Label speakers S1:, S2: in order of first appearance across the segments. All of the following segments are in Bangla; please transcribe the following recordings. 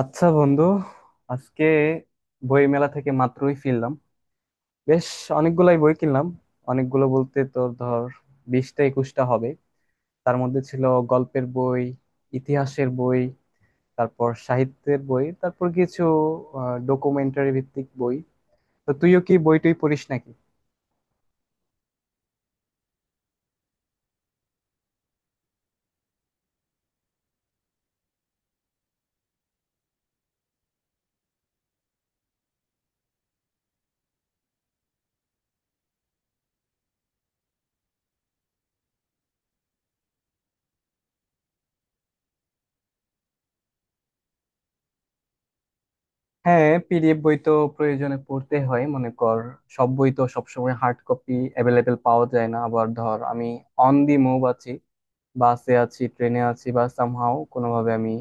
S1: আচ্ছা বন্ধু, আজকে বই মেলা থেকে মাত্রই ফিরলাম। বেশ অনেকগুলাই বই কিনলাম। অনেকগুলো বলতে তোর ধর 20টা 21টা হবে। তার মধ্যে ছিল গল্পের বই, ইতিহাসের বই, তারপর সাহিত্যের বই, তারপর কিছু ডকুমেন্টারি ভিত্তিক বই। তো তুইও কি বই টই পড়িস নাকি? হ্যাঁ, পিডিএফ বই তো প্রয়োজনে পড়তে হয়, মনে কর। সব বই তো সবসময় হার্ড কপি অ্যাভেলেবেল পাওয়া যায় না। আবার ধর আমি অন দি মুভ আছি, বাসে আছি, ট্রেনে আছি, বা সামহাও কোনোভাবে আমি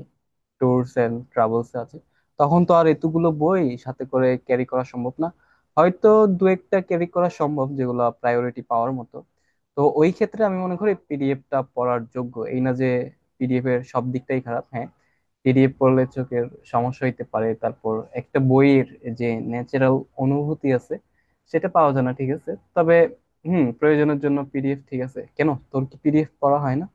S1: ট্যুরস এন্ড ট্রাভেলসে আছি। তখন তো আর এতগুলো বই সাথে করে ক্যারি করা সম্ভব না। হয়তো দু একটা ক্যারি করা সম্ভব, যেগুলো প্রায়োরিটি পাওয়ার মতো। তো ওই ক্ষেত্রে আমি মনে করি পিডিএফটা পড়ার যোগ্য। এই না যে পিডিএফ এর সব দিকটাই খারাপ। হ্যাঁ, পিডিএফ পড়লে চোখের সমস্যা হইতে পারে, তারপর একটা বইয়ের যে ন্যাচারাল অনুভূতি আছে সেটা পাওয়া যায় না, ঠিক আছে। তবে হুম, প্রয়োজনের জন্য পিডিএফ ঠিক আছে। কেন, তোর কি পিডিএফ পড়া হয় না?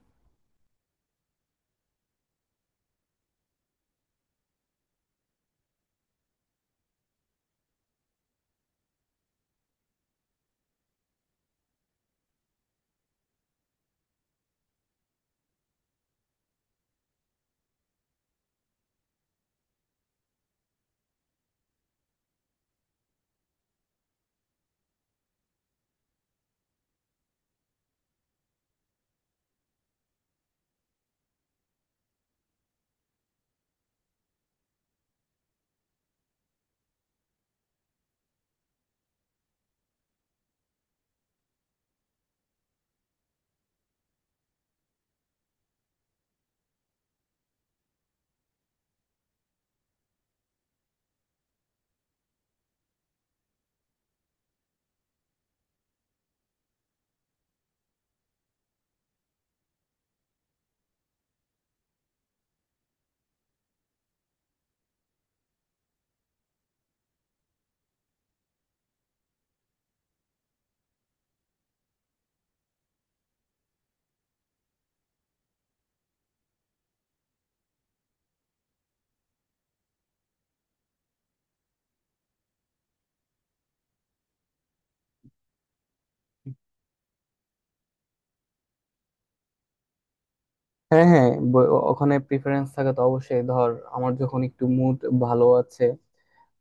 S1: হ্যাঁ হ্যাঁ, ওখানে প্রিফারেন্স থাকে তো অবশ্যই। ধর আমার যখন একটু মুড ভালো আছে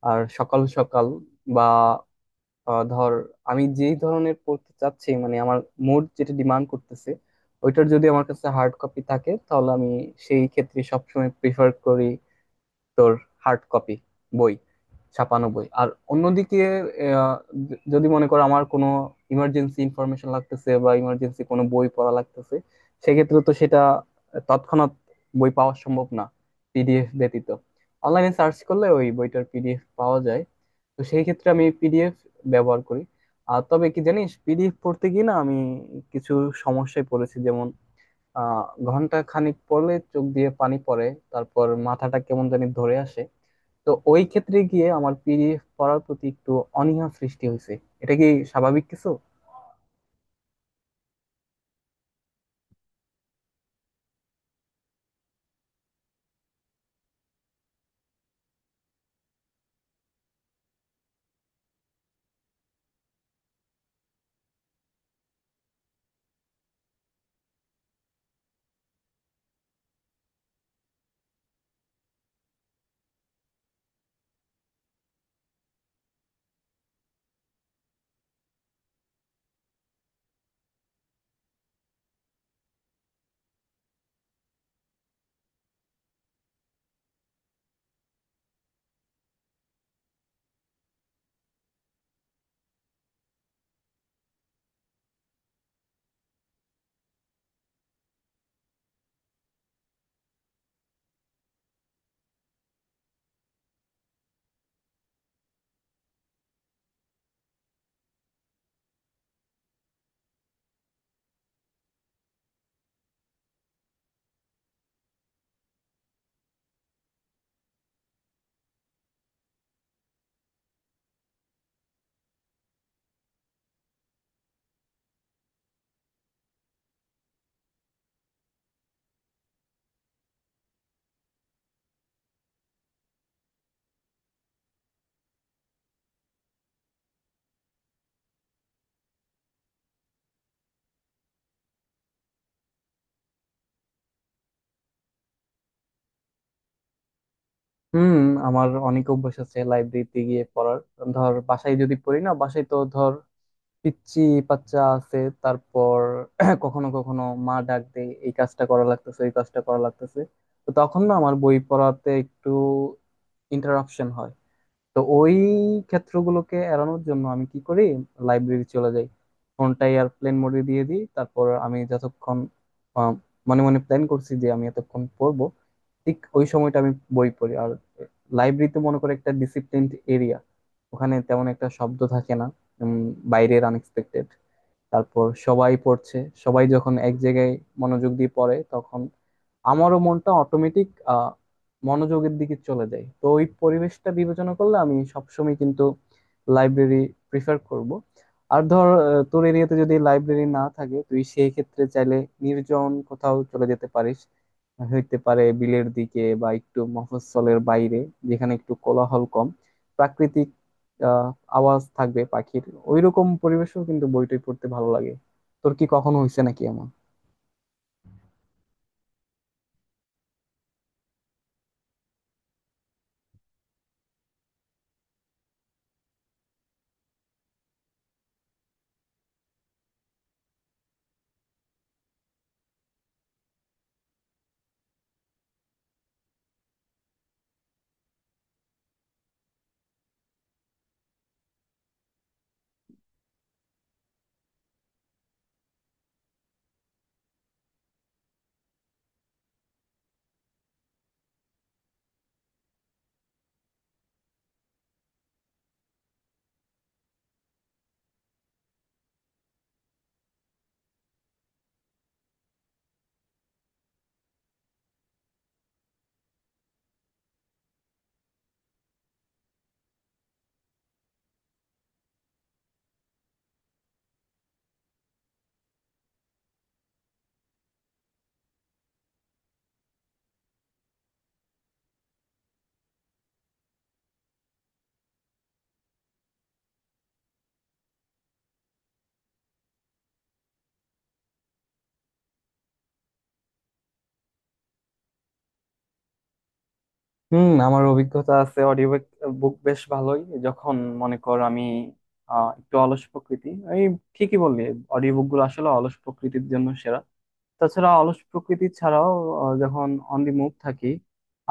S1: আর সকাল সকাল বা ধর আমি যেই ধরনের পড়তে চাচ্ছি, মানে আমার মুড যেটা ডিমান্ড করতেছে, ওইটার যদি আমার কাছে হার্ড কপি থাকে তাহলে আমি সেই ক্ষেত্রে সবসময় প্রিফার করি। তোর হার্ড কপি বই, ছাপানো বই। আর অন্যদিকে আহ, যদি মনে করো আমার কোনো ইমার্জেন্সি ইনফরমেশন লাগতেছে বা ইমার্জেন্সি কোনো বই পড়া লাগতেছে, সেক্ষেত্রে তো সেটা তৎক্ষণাৎ বই পাওয়া সম্ভব না পিডিএফ ব্যতীত। অনলাইনে সার্চ করলে ওই বইটার পিডিএফ পাওয়া যায়। তো সেই ক্ষেত্রে আমি পিডিএফ ব্যবহার করি। আর তবে কি জানিস, পিডিএফ পড়তে গিয়ে না আমি কিছু সমস্যায় পড়েছি। যেমন আহ ঘন্টা খানিক পড়লে চোখ দিয়ে পানি পড়ে, তারপর মাথাটা কেমন জানি ধরে আসে। তো ওই ক্ষেত্রে গিয়ে আমার পিডিএফ পড়ার প্রতি একটু অনীহা সৃষ্টি হয়েছে। এটা কি স্বাভাবিক কিছু? হুম, আমার অনেক অভ্যাস আছে লাইব্রেরিতে গিয়ে পড়ার। ধর বাসায় যদি পড়ি না, বাসায় তো ধর পিচ্চি বাচ্চা আছে। তারপর কখনো কখনো মা ডাক দেয়, এই কাজটা করা লাগতেছে, ওই কাজটা করা লাগতেছে। তো তখন না আমার বই পড়াতে একটু ইন্টারাপশন হয়। তো ওই ক্ষেত্রগুলোকে এড়ানোর জন্য আমি কি করি, লাইব্রেরি চলে যাই। ফোনটা এয়ারপ্লেন মোডে দিয়ে দিই, তারপর আমি যতক্ষণ আহ, মনে মনে প্ল্যান করছি যে আমি এতক্ষণ পড়বো, ঠিক ওই সময়টা আমি বই পড়ি। আর লাইব্রেরিতে মনে করে একটা ডিসিপ্লিনড এরিয়া, ওখানে তেমন একটা শব্দ থাকে না, উম, বাইরের আনএক্সপেক্টেড। তারপর সবাই পড়ছে, সবাই যখন এক জায়গায় মনোযোগ দিয়ে পড়ে তখন আমারও মনটা অটোমেটিক আহ মনোযোগের দিকে চলে যায়। তো ওই পরিবেশটা বিবেচনা করলে আমি সবসময় কিন্তু লাইব্রেরি প্রিফার করব। আর ধর তোর এরিয়াতে যদি লাইব্রেরি না থাকে, তুই সেই ক্ষেত্রে চাইলে নির্জন কোথাও চলে যেতে পারিস। হইতে পারে বিলের দিকে বা একটু মফস্বলের বাইরে, যেখানে একটু কোলাহল কম, প্রাকৃতিক আহ আওয়াজ থাকবে পাখির। ওইরকম পরিবেশেও কিন্তু বইটই পড়তে ভালো লাগে। তোর কি কখনো হয়েছে নাকি এমন? হুম, আমার অভিজ্ঞতা আছে। অডিও বুক বেশ ভালোই যখন মনে কর আমি একটু অলস প্রকৃতি। এই ঠিকই বললি, অডিও বুক গুলো আসলে অলস প্রকৃতির জন্য সেরা। তাছাড়া অলস প্রকৃতি ছাড়াও যখন অন দি মুভ থাকি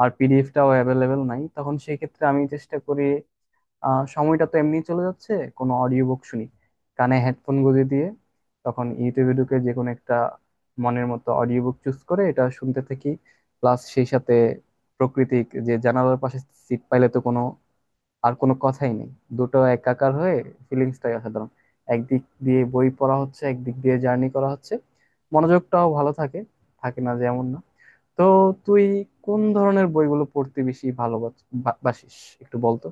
S1: আর পিডিএফটাও অ্যাভেলেবেল নাই, তখন সেই ক্ষেত্রে আমি চেষ্টা করি সময়টা তো এমনি চলে যাচ্ছে, কোনো অডিও বুক শুনি। কানে হেডফোন গুঁজে দিয়ে তখন ইউটিউবে ঢুকে যে কোনো একটা মনের মতো অডিও বুক চুজ করে এটা শুনতে থাকি। প্লাস সেই সাথে প্রকৃতিক যে জানালার পাশে সিট পাইলে তো কোনো আর কোনো কথাই নেই। দুটো একাকার হয়ে ফিলিংসটাই অসাধারণ। একদিক দিয়ে বই পড়া হচ্ছে, একদিক দিয়ে জার্নি করা হচ্ছে। মনোযোগটাও ভালো থাকে, থাকে না যেমন না। তো তুই কোন ধরনের বইগুলো পড়তে বেশি ভালোবাসিস, একটু বলতো।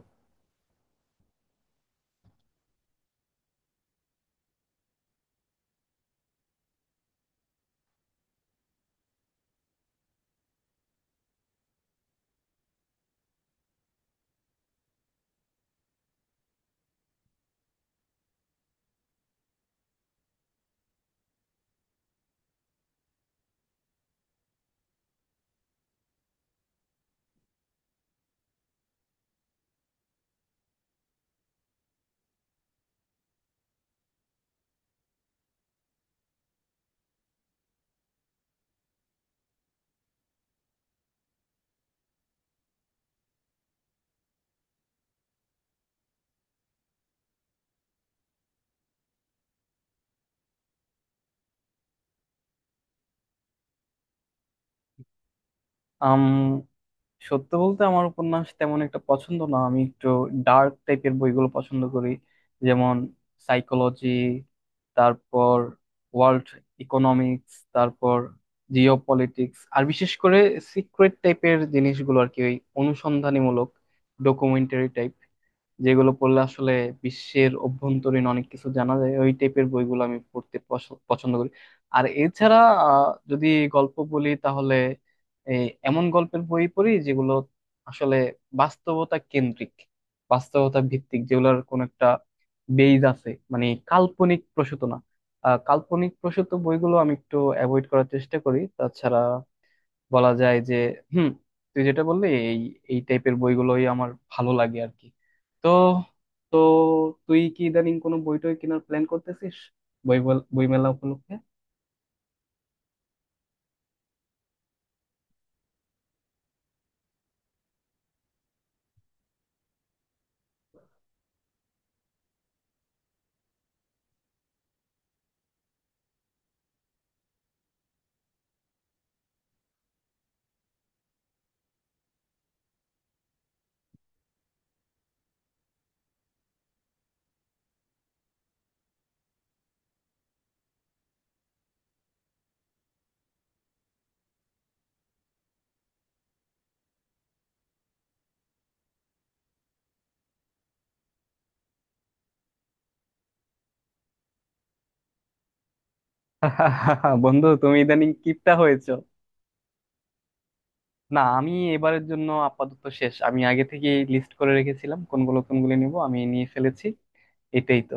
S1: আম সত্য বলতে আমার উপন্যাস তেমন একটা পছন্দ না। আমি একটু ডার্ক টাইপের বইগুলো পছন্দ করি। যেমন সাইকোলজি, তারপর ওয়ার্ল্ড ইকোনমিক্স, তারপর জিও পলিটিক্স, আর বিশেষ করে সিক্রেট টাইপের জিনিসগুলো আর কি। ওই অনুসন্ধানীমূলক ডকুমেন্টারি টাইপ, যেগুলো পড়লে আসলে বিশ্বের অভ্যন্তরীণ অনেক কিছু জানা যায়, ওই টাইপের বইগুলো আমি পড়তে পছন্দ করি। আর এছাড়া যদি গল্প বলি তাহলে এই এমন গল্পের বই পড়ি যেগুলো আসলে বাস্তবতা কেন্দ্রিক, বাস্তবতা ভিত্তিক, যেগুলোর কোনো একটা বেজ আছে, মানে কাল্পনিক প্রসূত না। কাল্পনিক প্রসূত বইগুলো আমি একটু অ্যাভয়েড করার চেষ্টা করি। তাছাড়া বলা যায় যে হুম, তুই যেটা বললি এই এই টাইপের বইগুলোই আমার ভালো লাগে আর কি। তো তো তুই কি ইদানিং কোনো বই টই কেনার প্ল্যান করতেছিস, বই বই মেলা উপলক্ষে? বন্ধু তুমি ইদানিং কিপটা হয়েছো। না, আমি এবারের জন্য আপাতত শেষ। আমি আগে থেকেই লিস্ট করে রেখেছিলাম কোনগুলো কোনগুলো নিব, আমি নিয়ে ফেলেছি। এটাই তো।